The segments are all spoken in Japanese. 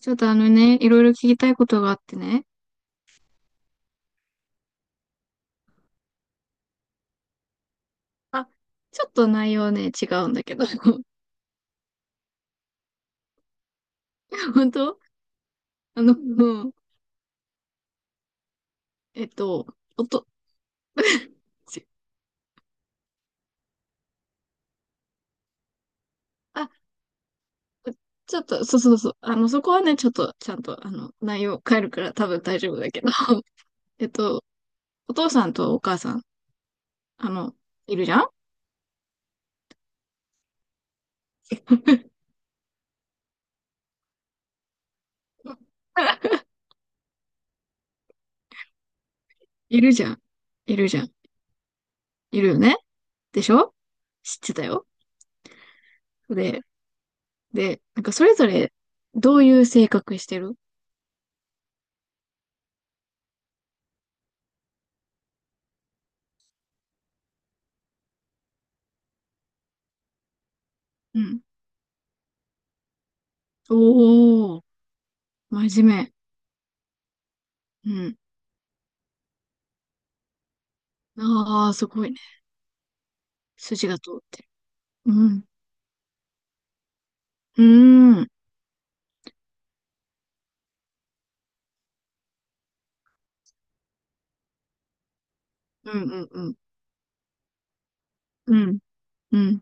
ちょっとあのね、いろいろ聞きたいことがあってね。あ、ちょっと内容ね、違うんだけど。本当。うん。えっと、おと、ちあ、ちょっと、そうそうそう。そこはね、ちょっと、ちゃんと、内容変えるから多分大丈夫だけど。えっと、お父さんとお母さん、あの、いるじゃん。 いるじゃん。いるじゃん。いるよね。でしょ。知ってたよ。で、で、なんかそれぞれ、どういう性格してる？うん。おー、真面目。うん。ああ、すごいね。筋が通ってる。うん。うーん。うんうんうん。うん。うん。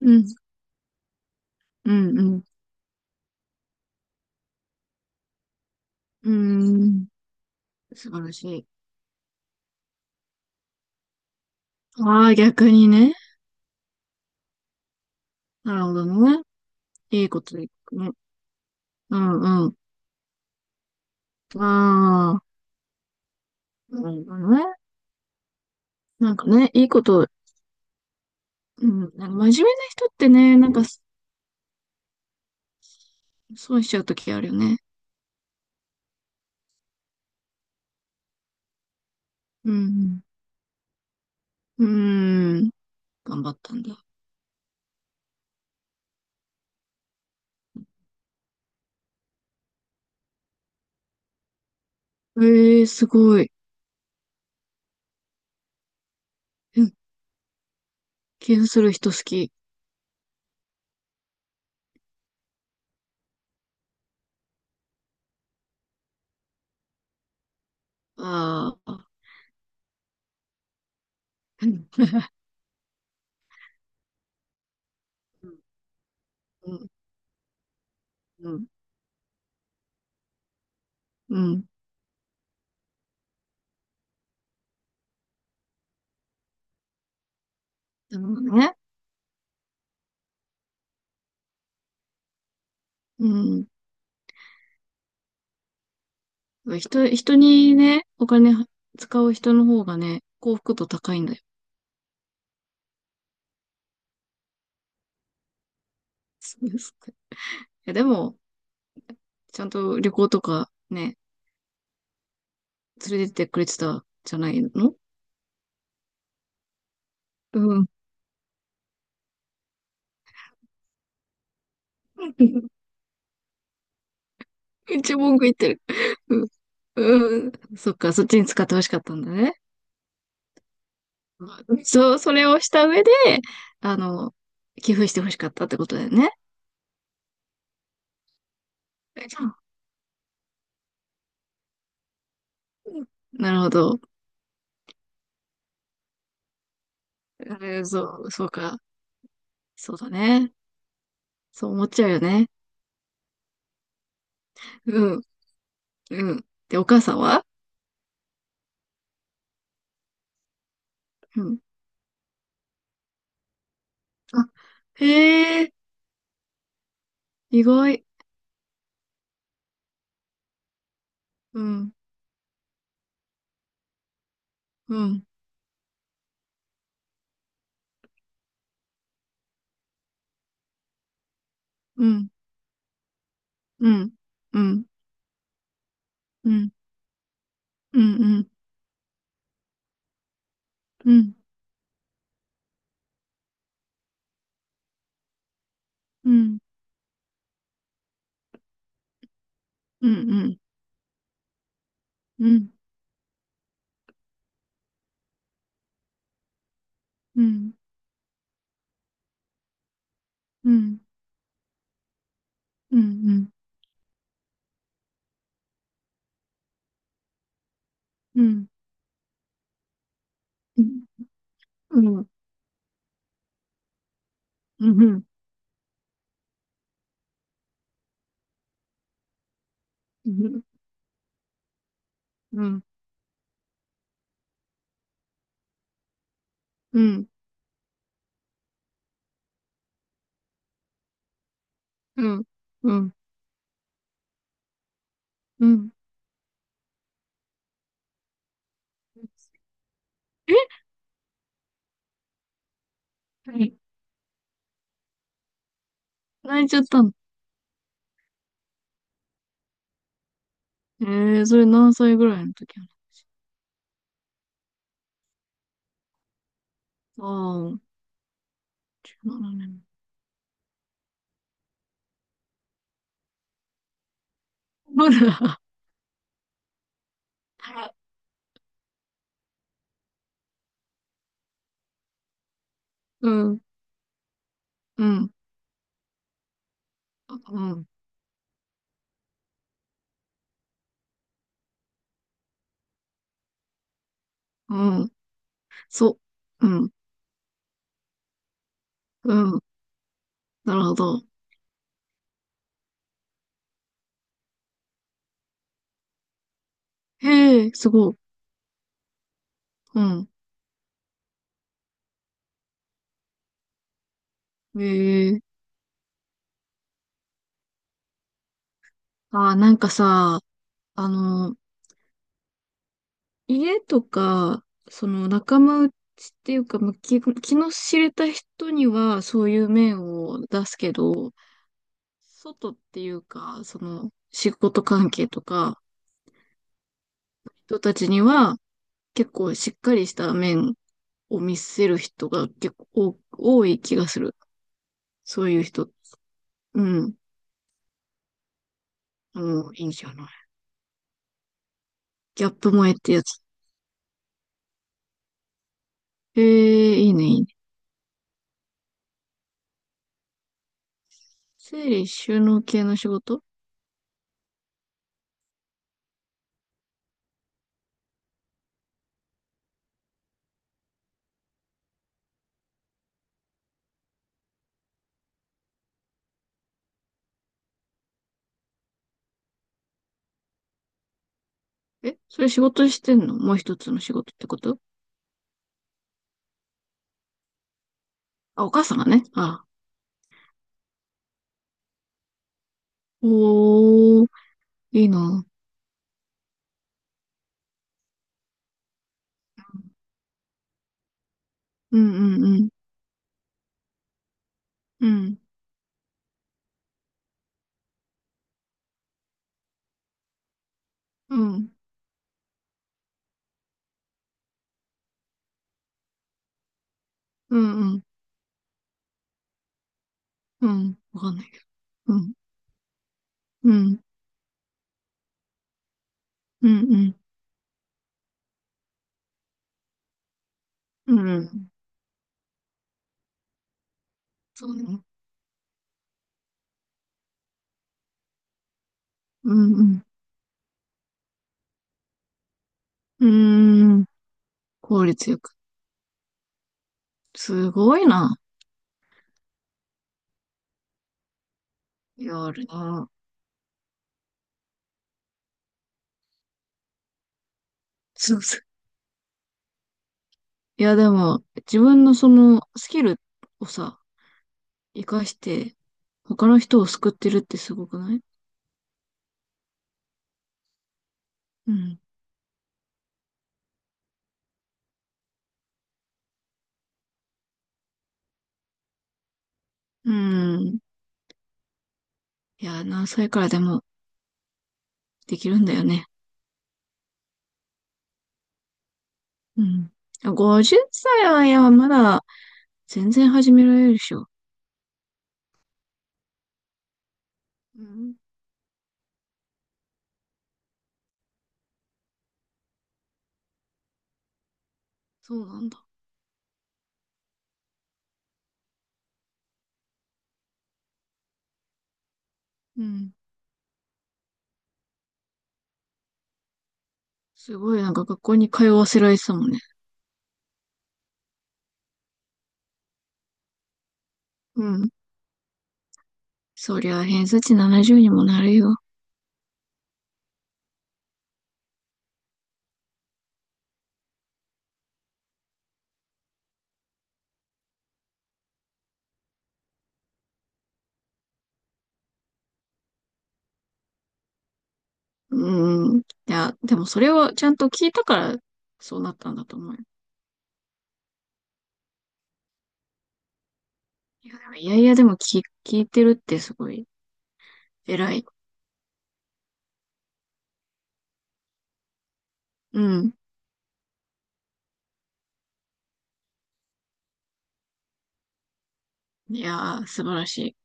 うん。うん。うん。うん。素晴らしい。ああ、逆にね。なるほどね。いいこといくね。うんうん。ああ、なるほどね。なんかね、いいこと、うん。なんか真面目な人ってね、なんか損しちゃうときあるよね。うん。うん。頑張ったんだ。ええー、すごい。うん。気にする人好き。ああ。うん、うん、うん、うん。でもね、うん。人にね、お金は使う人の方がね、幸福度高いんだよ。そうですか。いや、でも、ちゃんと旅行とかね、連れてってくれてたじゃないの。うん。一文句言ってる。うん。うん。そっか、そっちに使ってほしかったんだね。そう、それをした上で、あの、寄付してほしかったってことだよね。うん。なるほど。そう、そうか。そうだね。そう思っちゃうよね。うん、うん。で、お母さんは？うん。あ、へえ、意外。うん、うん、うん、うん、うん、うん、うん、うん、うん、うん、うん、うん、うん、うん、うん、うん、うん、うん、うん、うん、うん、うん、うん、うん、うん、うん、うん、え、泣いちゃったの？ええ、それ何歳ぐらいの時なの？ああ、なるほどね。ほら。はい。うん、うん、うん、うん、そう、うん、うん、なるほど。へえ、すごい。うん、へえ。あー、なんかさ、あの、家とか、その仲間内っていうか、まあ、気の知れた人にはそういう面を出すけど、外っていうか、その仕事関係とか、人たちには結構しっかりした面を見せる人が結構多い気がする。そういう人って。うん。もういいんじゃない。ギャップ萌えってやつ。ええ、いいね、いいね。整理収納系の仕事。え、それ仕事してんの？もう一つの仕事ってこと？あ、お母さんがね。あ、おー、いいな。うんうんうん。うん。うん。うんうん。うん。わかんないけど。うん。うん。うんうん。うん。そうね。うんうん。うーん。効率よく。すごいな。やるな。そうそう。いや、でも、自分のそのスキルをさ、活かして、他の人を救ってるってすごくない？うん。うん。いや、何歳からでもできるんだよね。うん。50歳は、いや、まだ全然始められるでしょ。うん。そうなんだ。うん。すごい、なんか学校に通わせられてたもんね。うん。そりゃ、偏差値70にもなるよ。うん。いや、でもそれをちゃんと聞いたから、そうなったんだと思うよ。いや、でもいやいやでも聞いてるってすごい偉い。うん。いやー、素晴らしい。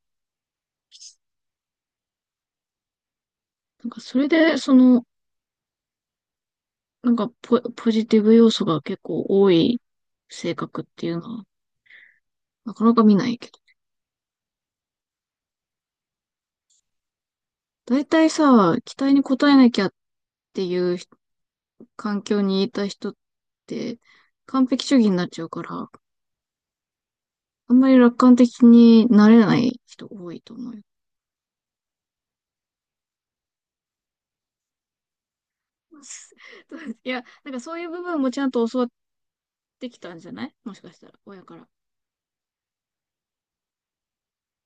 なんかそれで、なんかポジティブ要素が結構多い性格っていうのは、なかなか見ないけど。大体さ、期待に応えなきゃっていう環境にいた人って、完璧主義になっちゃうから、あんまり楽観的になれない人多いと思うよ。いや、なんかそういう部分もちゃんと教わってきたんじゃない？もしかしたら、親から。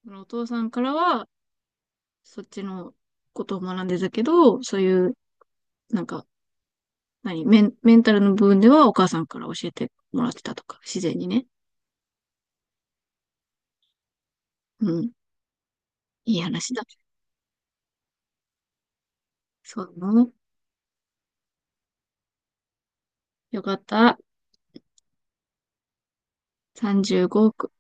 そのお父さんからは、そっちのことを学んでたけど、そういう、なんか、何、メン、メンタルの部分ではお母さんから教えてもらってたとか、自然にね。うん。いい話だ。そうなの。よかった。35億。